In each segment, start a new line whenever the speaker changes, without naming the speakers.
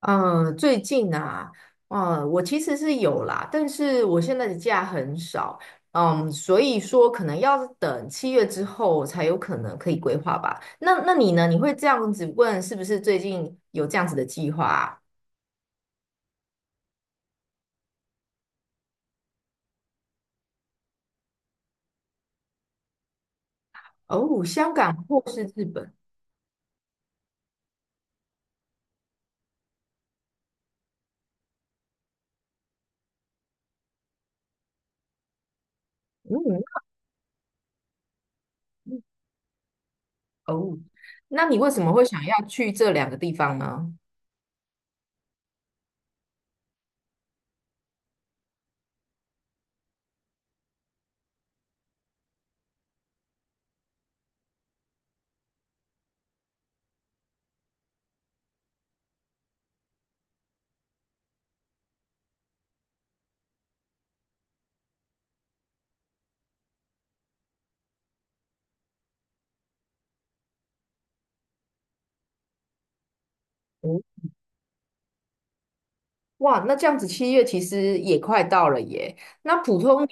嗯，最近啊，我其实是有啦，但是我现在的假很少，所以说可能要等七月之后才有可能可以规划吧。那你呢？你会这样子问，是不是最近有这样子的计划啊？哦，香港或是日本？嗯，哦，那你为什么会想要去这两个地方呢？哦，哇，那这样子七月其实也快到了耶。那普通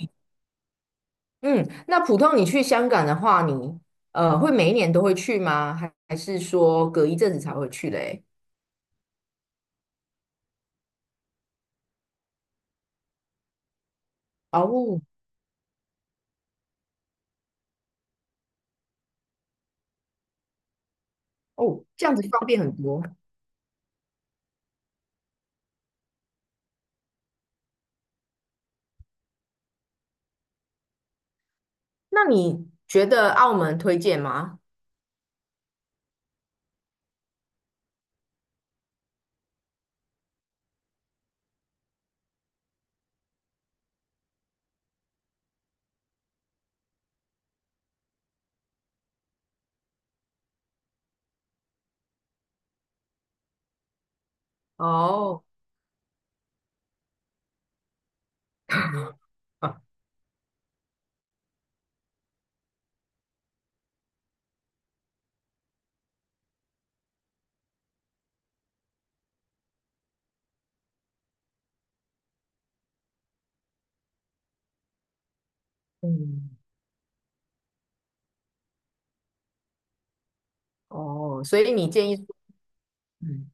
嗯，那普通你去香港的话，你会每一年都会去吗？还是说隔一阵子才会去嘞？哦哦，这样子方便很多。那你觉得澳门推荐吗？哦，啊，嗯，哦，所以你建议说嗯，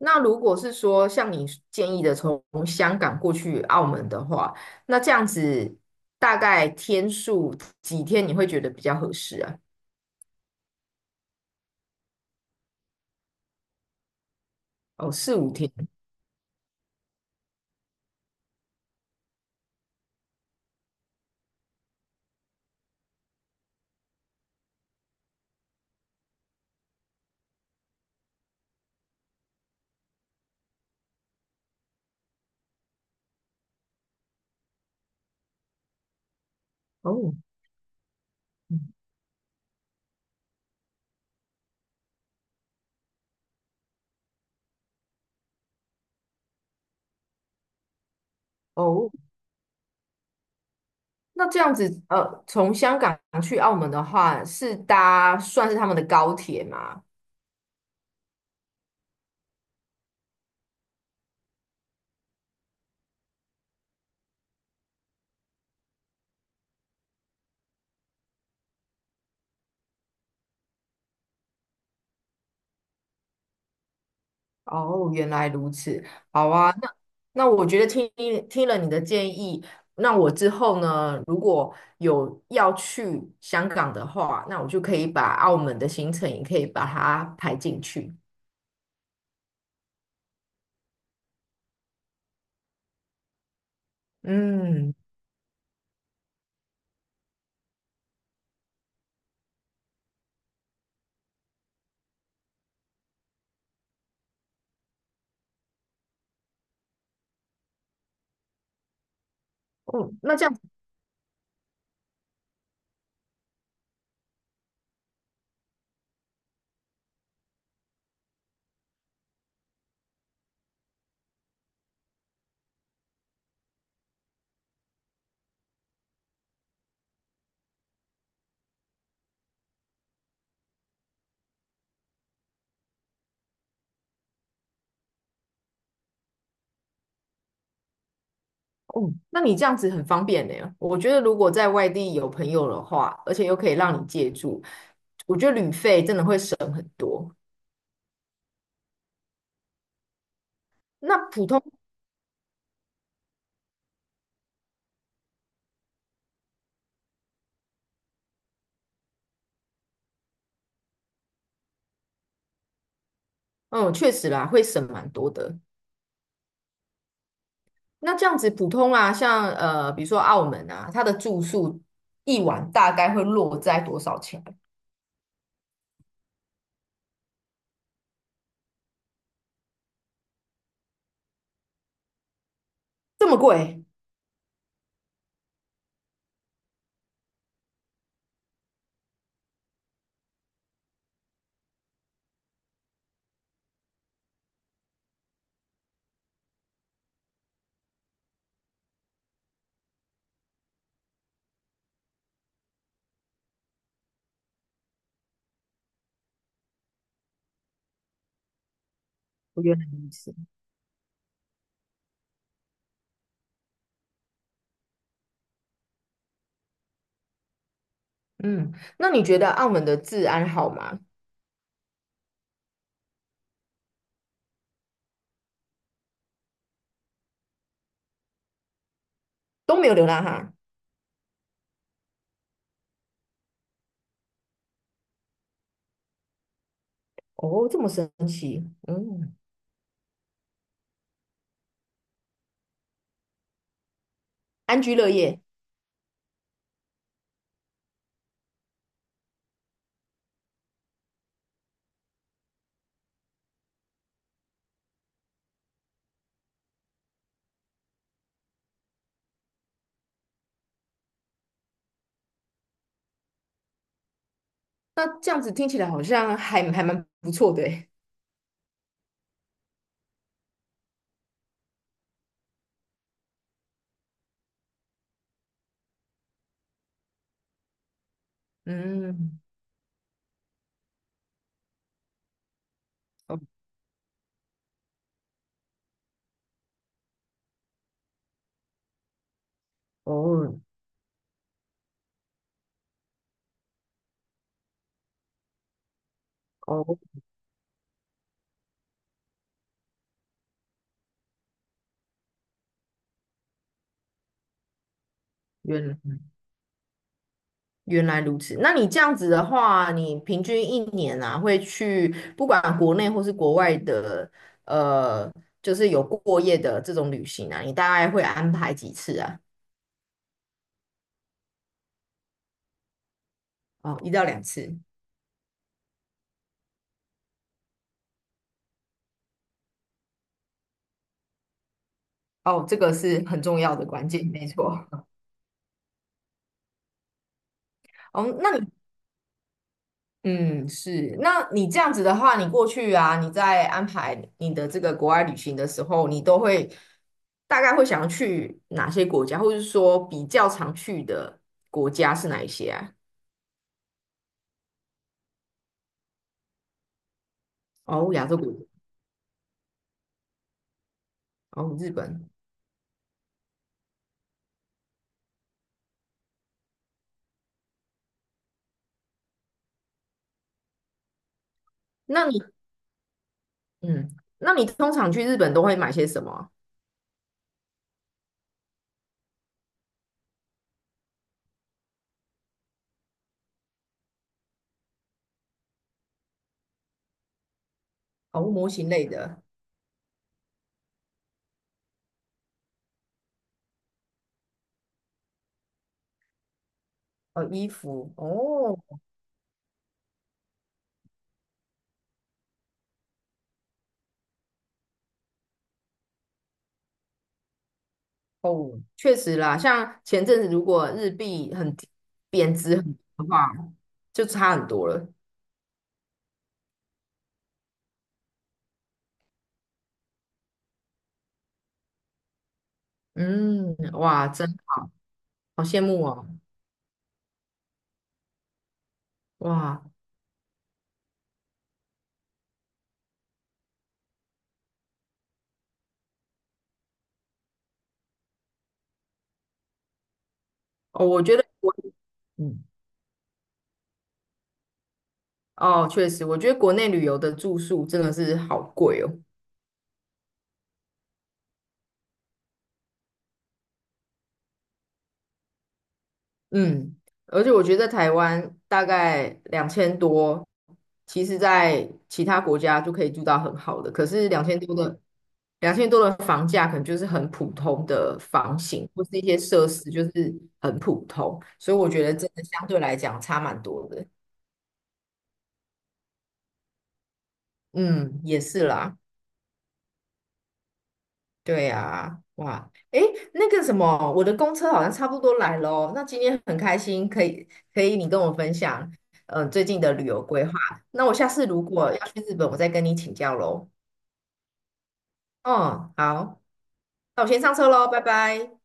那如果是说像你建议的从香港过去澳门的话，那这样子大概天数几天你会觉得比较合适啊？哦，4、5天。哦，嗯哦，那这样子，从香港去澳门的话，是搭算是他们的高铁吗？哦，原来如此。好啊，那我觉得听了你的建议，那我之后呢，如果有要去香港的话，那我就可以把澳门的行程也可以把它排进去。嗯，哦，那这样，哦，那你这样子很方便呢。我觉得如果在外地有朋友的话，而且又可以让你借住，我觉得旅费真的会省很多。那普通，嗯，确实啦，会省蛮多的。那这样子普通啊，像比如说澳门啊，它的住宿一晚大概会落在多少钱？这么贵？我原来如此。嗯，那你觉得澳门的治安好吗？都没有流浪汉？哦，这么神奇。嗯，安居乐业。那这样子听起来好像还蛮不错的诶嗯，哦哦，哦，原来。原来如此，那你这样子的话，你平均一年啊，会去不管国内或是国外的，呃，就是有过夜的这种旅行啊，你大概会安排几次啊？哦，1到2次。哦，这个是很重要的关键，没错。哦，那你，嗯，是，那你这样子的话，你过去啊，你在安排你的这个国外旅行的时候，你都会大概会想要去哪些国家，或者是说比较常去的国家是哪一些啊？哦，亚洲古哦，日本。那你嗯，那你通常去日本都会买些什么啊？哦，模型类的，哦，衣服，哦哦，确实啦，像前阵子如果日币很低贬值很多的话，就差很多了。嗯，哇，真好羡慕哦，哇哦，我觉得我嗯哦，确实，我觉得国内旅游的住宿真的是好贵哦。嗯，而且我觉得在台湾大概两千多，其实在其他国家就可以住到很好的，可是两千多的房价可能就是很普通的房型，或是一些设施就是很普通，所以我觉得真的相对来讲差蛮多的。嗯，也是啦。对呀，哇，诶，那个什么，我的公车好像差不多来了哦那今天很开心，可以你跟我分享，最近的旅游规划。那我下次如果要去日本，我再跟你请教喽。嗯，好，那我先上车喽，拜拜。